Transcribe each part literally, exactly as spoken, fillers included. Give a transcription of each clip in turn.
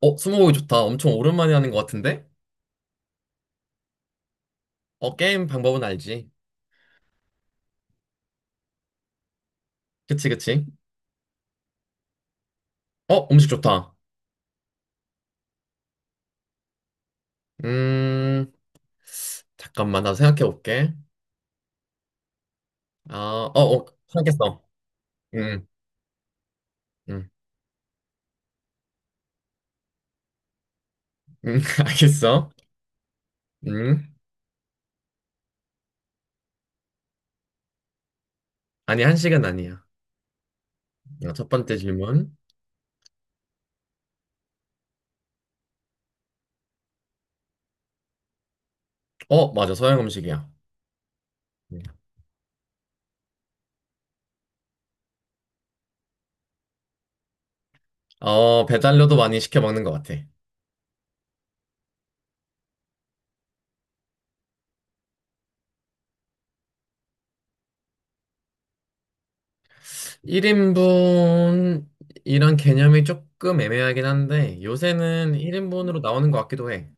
어, 스무고개 좋다. 엄청 오랜만에 하는 것 같은데? 어, 게임 방법은 알지. 그치, 그치? 어, 음식 좋다. 음, 잠깐만, 나 생각해 볼게. 아, 어, 어, 생각했어. 음, 음, 음, 알겠어. 음, 아니, 한식은 아니야. 어, 첫 번째 질문. 어, 맞아, 서양 음식이야. 음. 어, 배달료도 많이 시켜 먹는 것 같아. 일 인분, 이런 개념이 조금 애매하긴 한데, 요새는 일 인분으로 나오는 것 같기도 해.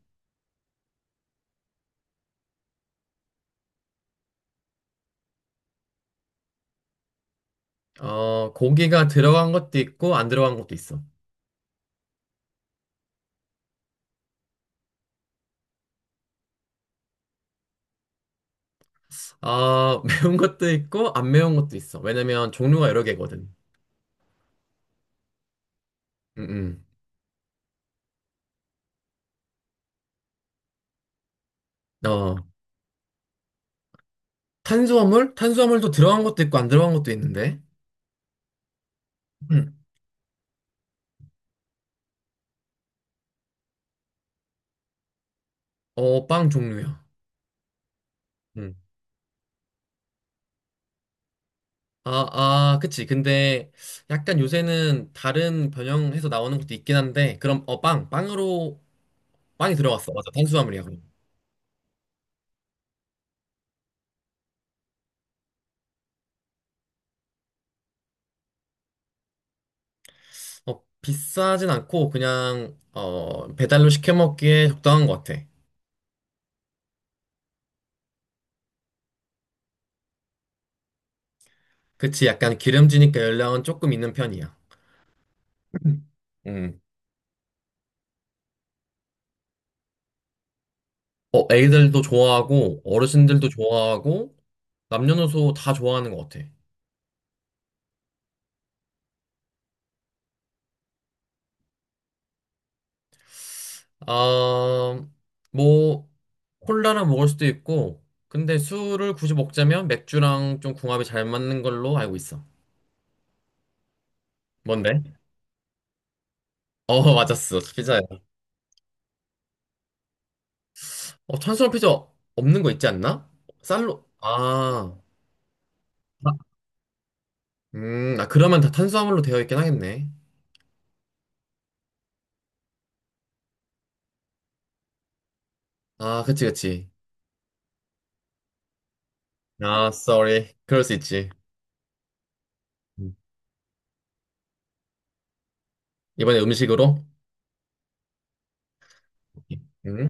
어, 고기가 들어간 것도 있고, 안 들어간 것도 있어. 아, 매운 것도 있고, 안 매운 것도 있어. 왜냐면 종류가 여러 개거든. 음, 음. 어, 탄수화물? 탄수화물도 들어간 것도 있고, 안 들어간 것도 있는데. 음. 어, 빵 종류야. 음. 아, 아, 그치. 근데 약간 요새는 다른 변형해서 나오는 것도 있긴 한데, 그럼, 어, 빵. 빵으로, 빵이 들어갔어. 맞아. 탄수화물이야, 그럼. 어, 비싸진 않고, 그냥, 어, 배달로 시켜 먹기에 적당한 것 같아. 그치, 약간 기름지니까 열량은 조금 있는 편이야. 음. 음. 어, 애들도 좋아하고, 어르신들도 좋아하고, 남녀노소 다 좋아하는 것 같아. 아, 뭐, 콜라랑 먹을 수도 있고, 근데 술을 굳이 먹자면 맥주랑 좀 궁합이 잘 맞는 걸로 알고 있어. 뭔데? 어, 맞았어. 피자야. 어, 탄수화물 피자 없는 거 있지 않나? 쌀로, 아, 아, 음, 아, 그러면 다 탄수화물로 되어 있긴 하겠네. 아, 그치, 그치. 아, sorry. 그럴 수 있지. 음. 이번에 음식으로? 음?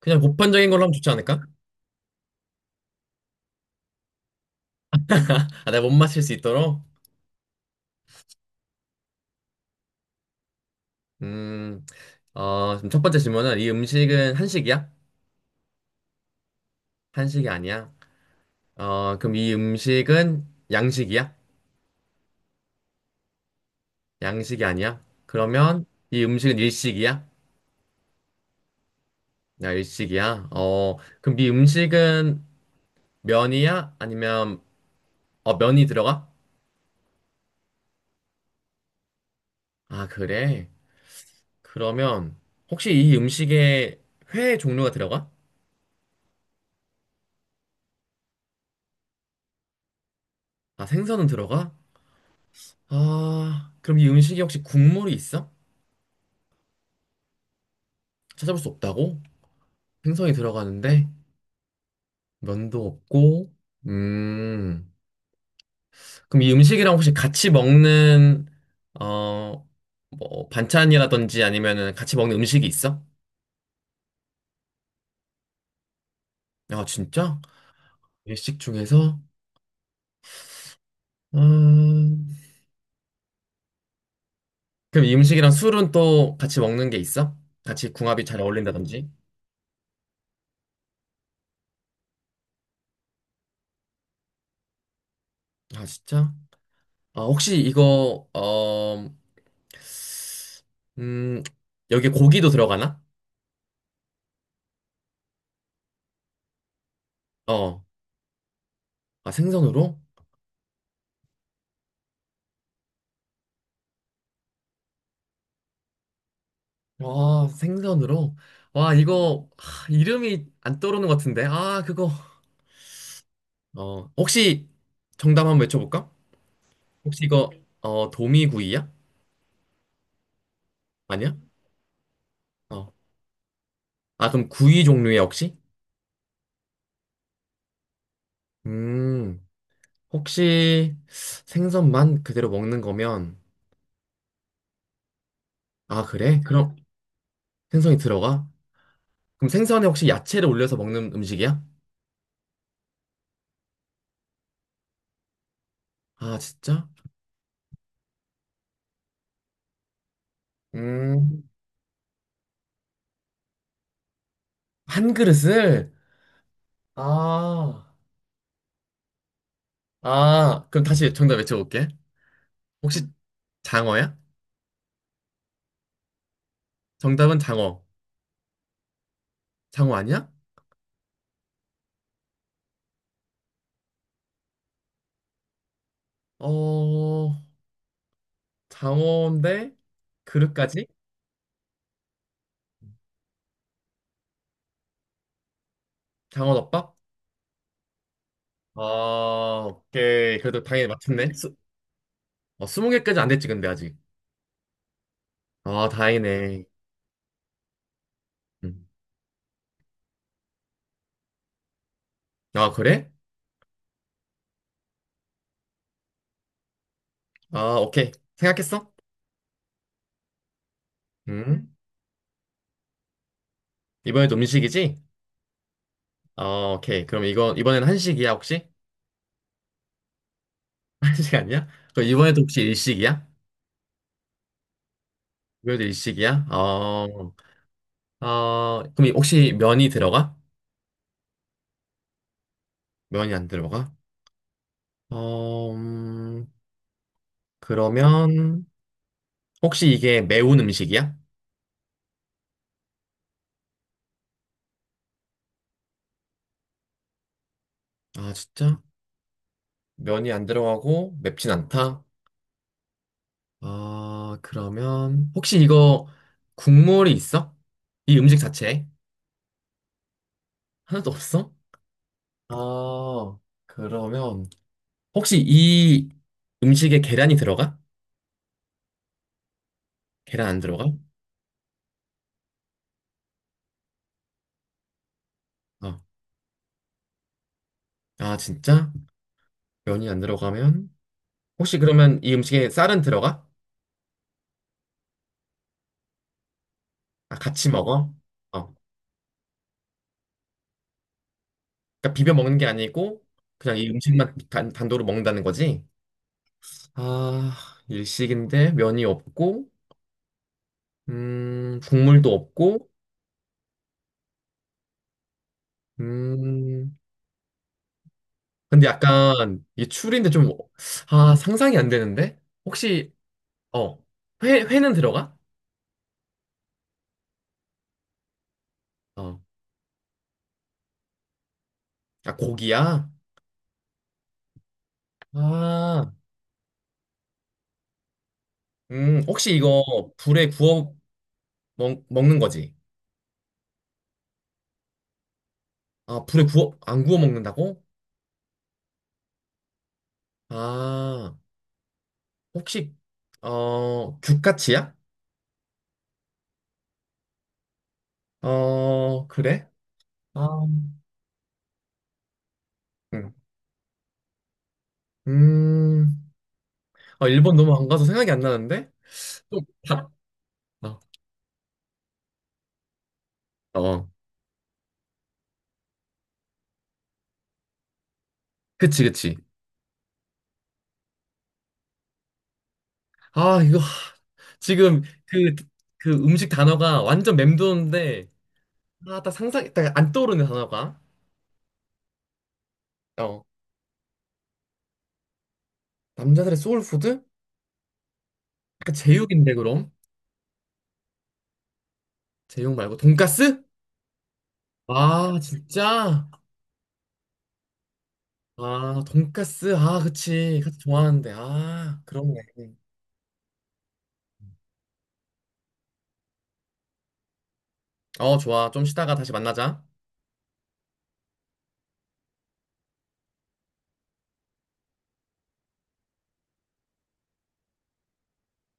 그냥 보편적인 걸로 하면 좋지 않을까? 아, 내가 못 맞힐 수 있도록? 음, 어, 그럼 첫 번째 질문은 이 음식은 한식이야? 한식이 아니야? 어, 그럼 이 음식은 양식이야? 양식이 아니야? 그러면 이 음식은 일식이야? 야, 일식이야? 어, 그럼 이 음식은 면이야? 아니면, 어, 면이 들어가? 아, 그래? 그러면 혹시 이 음식에 회 종류가 들어가? 아, 생선은 들어가? 아, 그럼 이 음식이 혹시 국물이 있어? 찾아볼 수 없다고? 생선이 들어가는데 면도 없고. 음, 그럼 이 음식이랑 혹시 같이 먹는 어, 뭐 반찬이라든지 아니면은 같이 먹는 음식이 있어? 아, 진짜? 일식 중에서? 음, 그럼 이 음식이랑 술은 또 같이 먹는 게 있어? 같이 궁합이 잘 어울린다든지? 아, 진짜? 아, 혹시 이거 어, 음, 여기 고기도 들어가나? 어, 아, 생선으로? 와, 생선으로? 와, 이거, 하, 이름이 안 떠오르는 것 같은데. 아, 그거. 어, 혹시 정답 한번 외쳐볼까? 혹시 이거, 어, 도미구이야? 아니야? 어. 아, 그럼 구이 종류야, 혹시? 음, 혹시 생선만 그대로 먹는 거면, 아, 그래? 그럼 생선이 들어가? 그럼 생선에 혹시 야채를 올려서 먹는 음식이야? 아, 진짜? 음, 한 그릇을? 아. 아, 그럼 다시 정답 외쳐볼게. 혹시 장어야? 정답은 장어. 장어 아니야? 어, 장어인데 그릇까지? 장어덮밥? 아, 오케이. 그래도 당연히 맞췄네. 스, 어, 스무 개까지 안 됐지, 근데 아직. 아, 다행이네. 음. 아, 그래? 아, 오케이. 생각했어? 음. 이번에도 음식이지? 어, 오케이. 그럼 이거, 이번엔 한식이야, 혹시? 한식 아니야? 그럼 이번에도 혹시 일식이야? 이번에도 일식이야? 어, 어, 그럼 혹시 면이 들어가? 면이 안 들어가? 어, 음, 그러면 혹시 이게 매운 음식이야? 아, 진짜? 면이 안 들어가고 맵진 않다? 아, 그러면 혹시 이거 국물이 있어? 이 음식 자체에? 하나도 없어? 아, 그러면 혹시 이 음식에 계란이 들어가? 계란 안 들어가? 어. 아, 진짜? 면이 안 들어가면? 혹시 그러면 이 음식에 쌀은 들어가? 아, 같이 먹어? 어. 그러니까 비벼 먹는 게 아니고 그냥 이 음식만 단, 단도로 먹는다는 거지? 아, 일식인데 면이 없고 음, 국물도 없고 음. 근데 약간 이게 추리인데 좀 아, 상상이 안 되는데? 혹시 어, 회 회는 들어가? 어. 아, 고기야? 아. 음, 혹시 이거 불에 구워 먹, 먹는 거지? 아, 불에 구워 안 구워 먹는다고? 아. 혹시 어 규카치야? 어 그래? 아, 응. 음, 아, 일본 너무 안 가서 생각이 안 나는데? 또 밥. 어, 어, 그치, 그치. 아, 이거 하, 지금 그, 그 음식 단어가 완전 맴도는데, 아, 딱 상상, 딱 안 떠오르는 단어가. 어, 남자들의 소울푸드? 약간 제육인데, 그럼? 제육 말고, 돈까스? 아, 진짜? 아, 돈까스. 아, 그치. 같이 좋아하는데. 아, 그렇네. 어, 좋아. 좀 쉬다가 다시 만나자.